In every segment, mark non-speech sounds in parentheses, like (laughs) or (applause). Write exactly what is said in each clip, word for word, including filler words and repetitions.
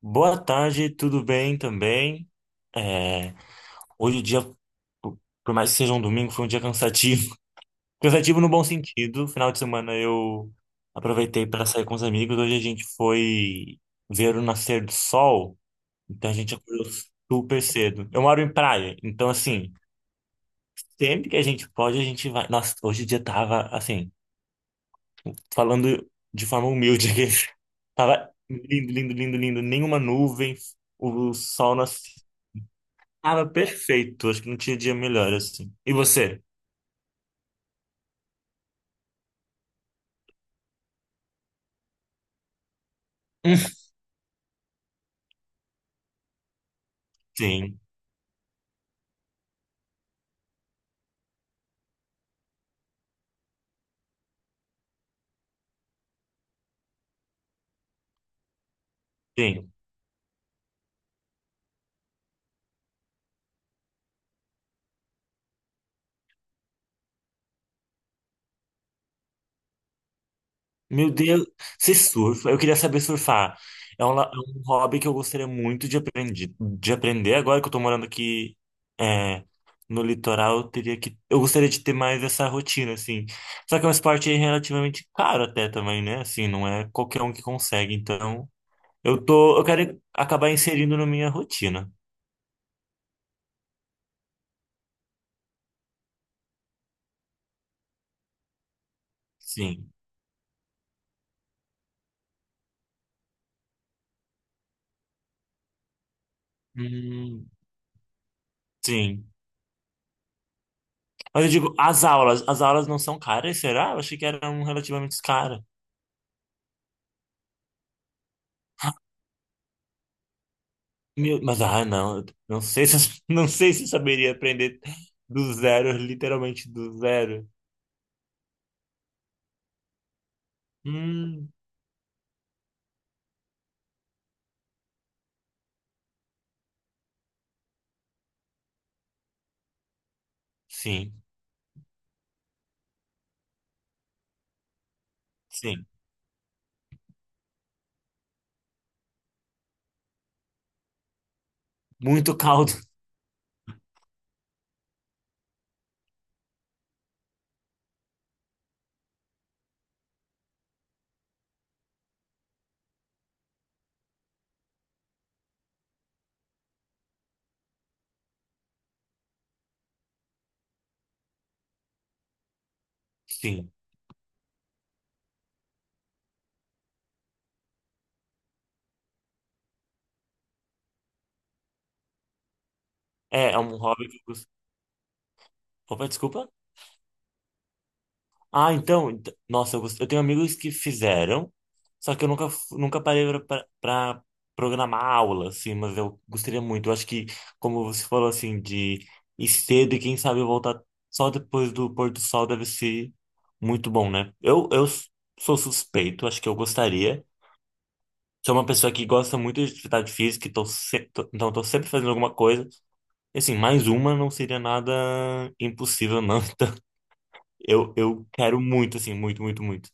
Boa tarde, tudo bem também? É, hoje o dia, por por mais que seja um domingo, foi um dia cansativo. (laughs) Cansativo no bom sentido. Final de semana eu aproveitei para sair com os amigos. Hoje a gente foi ver o nascer do sol, então a gente acordou super cedo. Eu moro em praia, então assim, sempre que a gente pode, a gente vai. Nossa, hoje o dia tava assim, falando de forma humilde (laughs) aqui. Tava lindo, lindo, lindo, lindo. Nenhuma nuvem, o sol nasceu. Cara, perfeito. Acho que não tinha dia melhor assim. E você? (laughs) Sim, sim. Meu Deus, você surfa? Eu queria saber surfar. É um, la- é um hobby que eu gostaria muito de aprender, de aprender. Agora que eu tô morando aqui, é, no litoral, eu teria que, eu gostaria de ter mais essa rotina, assim. Só que é um esporte relativamente caro até também, né? Assim, não é qualquer um que consegue. Então, eu tô, eu quero acabar inserindo na minha rotina. Sim. Hum, sim. Mas eu digo, as aulas, as aulas não são caras, será? Eu achei que eram relativamente caras. Meu, mas ah, não, eu não sei se (laughs) não sei se eu saberia aprender do zero, literalmente do zero. Hum, sim, sim. Muito caldo, sim. É, é um hobby que eu gosto. Opa, desculpa. Ah, então, ent- nossa, eu, gost- eu tenho amigos que fizeram, só que eu nunca, fu- nunca parei pra pra programar aula, assim, mas eu gostaria muito. Eu acho que, como você falou, assim, de ir cedo e quem sabe voltar só depois do pôr do sol deve ser muito bom, né? Eu, eu s- sou suspeito, acho que eu gostaria. Sou uma pessoa que gosta muito de atividade física, então se- tô- então tô sempre fazendo alguma coisa. E, assim, mais uma não seria nada impossível, não. (laughs) Então, eu, eu quero muito, assim, muito, muito, muito.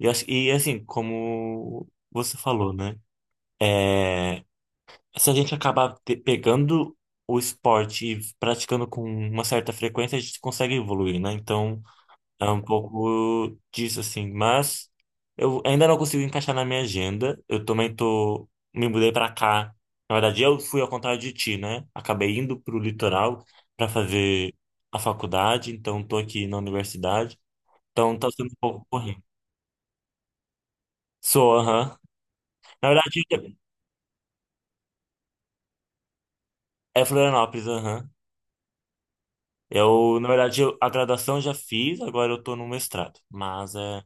E, acho- e assim, como você falou, né? É, se a gente acabar te- pegando o esporte e praticando com uma certa frequência, a gente consegue evoluir, né? Então, é um pouco disso, assim. Mas eu ainda não consigo encaixar na minha agenda. Eu também tô... Me mudei pra cá. Na verdade, eu fui ao contrário de ti, né? Acabei indo pro litoral pra fazer a faculdade. Então, tô aqui na universidade. Então, tá sendo um pouco corrido. Sou, aham. Na verdade, É Florianópolis, aham. Eu, na verdade, eu- a graduação eu já fiz, agora eu tô no mestrado. Mas é,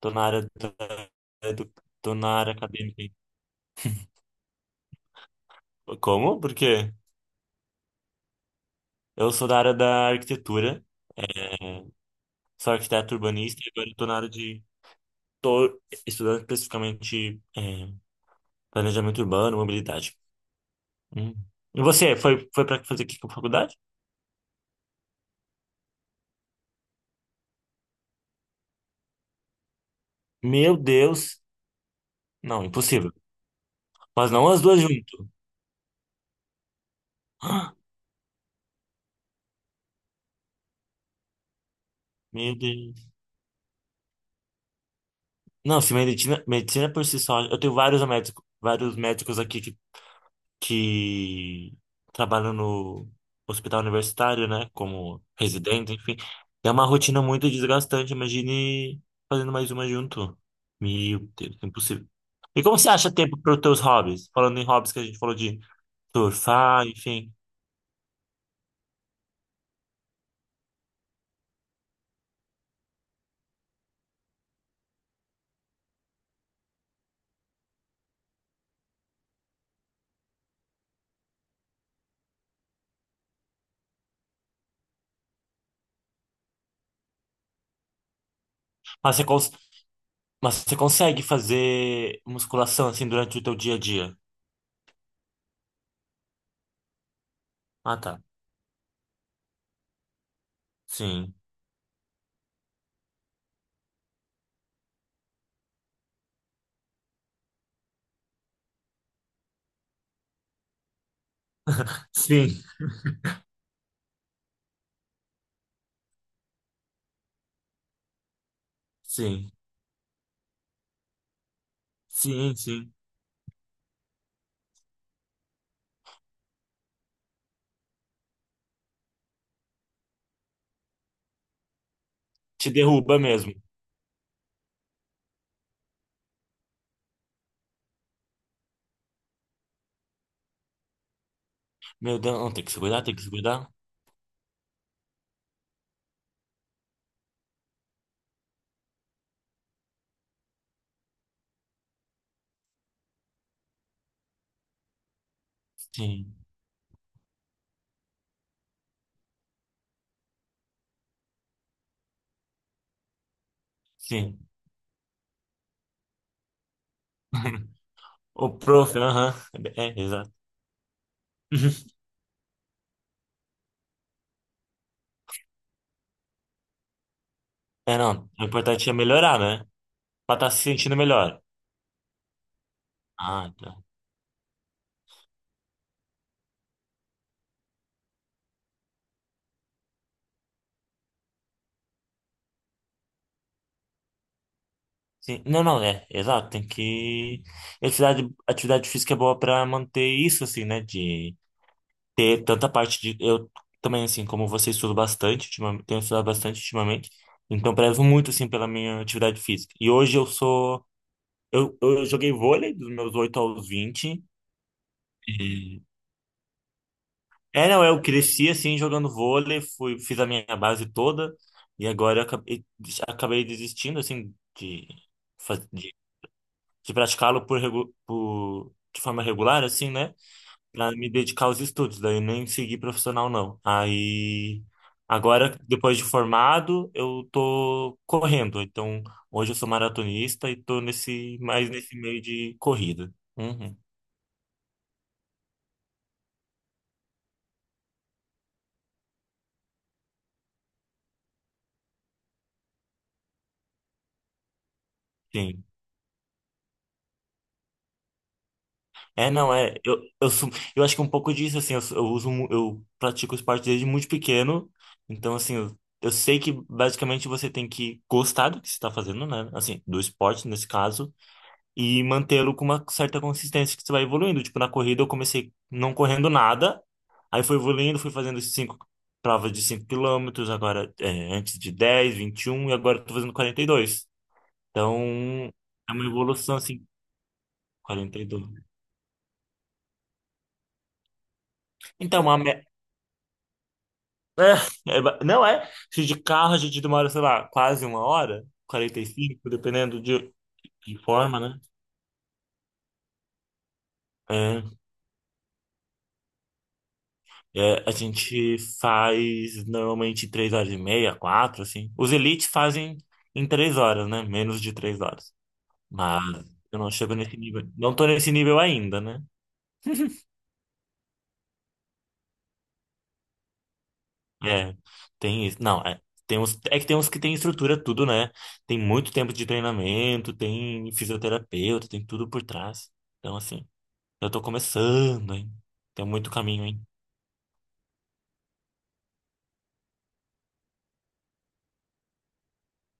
tô na área da, é do, tô na área acadêmica. Como? Por quê? Eu sou da área da arquitetura, é, sou arquiteto urbanista e agora eu tô na área de... Tô estudando especificamente é, planejamento urbano, mobilidade. Hum. E você, foi, foi pra fazer que faculdade? Meu Deus! Não, impossível. Mas não as duas junto. (gasps) Meu Deus. Não, se medicina, medicina por si só, eu tenho vários médicos, vários médicos aqui que, que trabalham no hospital universitário, né, como residente, enfim. É uma rotina muito desgastante, imagine fazendo mais uma junto. Meu Deus, é impossível. E como você acha tempo para os teus hobbies? Falando em hobbies que a gente falou de surfar, enfim. Mas você, cons mas você consegue fazer musculação assim durante o teu dia a dia? Ah, tá. Sim. Sim. Sim. Sim, sim. Te derruba mesmo. Meu Deus, não, tem que se cuidar, tem que se cuidar. Sim, sim. (laughs) O prof, aham. É, é, exato. (laughs) É, não, o importante é melhorar, né? Pra estar se sentindo melhor. Ah, tá. Sim, não, não, é, exato, tem que... Atividade, atividade física é boa pra manter isso, assim, né? De ter tanta parte de... Eu também, assim, como você estudo bastante, ultimamente, tenho estudado bastante ultimamente, então prezo muito, assim, pela minha atividade física. E hoje eu sou... Eu, eu joguei vôlei dos meus oito aos vinte. E... É, não, eu cresci assim jogando vôlei, fui, fiz a minha base toda e agora eu acabei, des- acabei desistindo assim de, faz- de, de praticá-lo por, regu- por- de forma regular, assim, né? Pra me dedicar aos estudos, daí nem segui profissional não. Aí agora, depois de formado, eu tô correndo. Então, hoje eu sou maratonista e tô nesse, mais nesse meio de corrida. Uhum, sim. É, não, é. Eu, eu, sou, eu acho que um pouco disso, assim, eu, sou- eu uso, mu- eu pratico esporte desde muito pequeno. Então, assim, eu, eu sei que basicamente você tem que gostar do que você está fazendo, né? Assim, do esporte nesse caso, e mantê-lo com uma certa consistência que você vai evoluindo. Tipo, na corrida eu comecei não correndo nada, aí fui evoluindo, fui fazendo cinco provas de cinco quilômetros, agora é, antes de dez vinte e um e agora eu tô fazendo quarenta e dois. Então, é uma evolução, assim, quarenta e dois. Então, uma, me- É, é ba- não é? Se de carro a gente demora, sei lá, quase uma hora, quarenta e cinco dependendo de, de, forma, né? É, é, a gente faz normalmente três horas e meia, quatro, assim. Os elites fazem em três horas, né? Menos de três horas. Mas eu não chego nesse nível. Não tô nesse nível ainda, né? É, tem isso. Não, é. Tem uns, é que tem uns que tem estrutura, tudo, né? Tem muito tempo de treinamento, tem fisioterapeuta, tem tudo por trás. Então, assim. Eu tô começando, hein? Tem muito caminho, hein?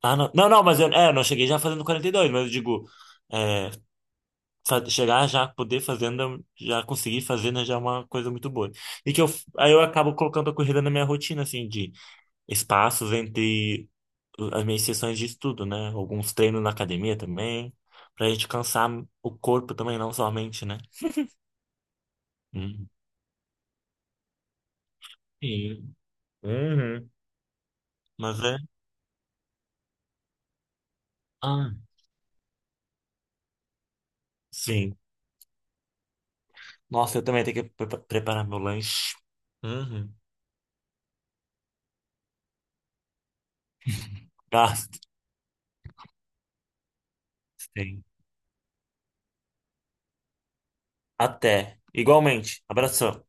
Ah, não. Não, não, mas eu, é, eu não cheguei já fazendo quarenta e dois, mas eu digo, é, fa- chegar já, poder fazendo, já conseguir fazer, né, já é uma coisa muito boa. E que eu, aí eu acabo colocando a corrida na minha rotina, assim, de espaços entre as minhas sessões de estudo, né? Alguns treinos na academia também, pra gente cansar o corpo também, não só a mente, né? Uhum. Sim. Uhum. Mas é. Ah, sim. Nossa, eu também tenho que prepa- preparar meu lanche. Uhum. Gasto. Sim. Até. Igualmente. Abração.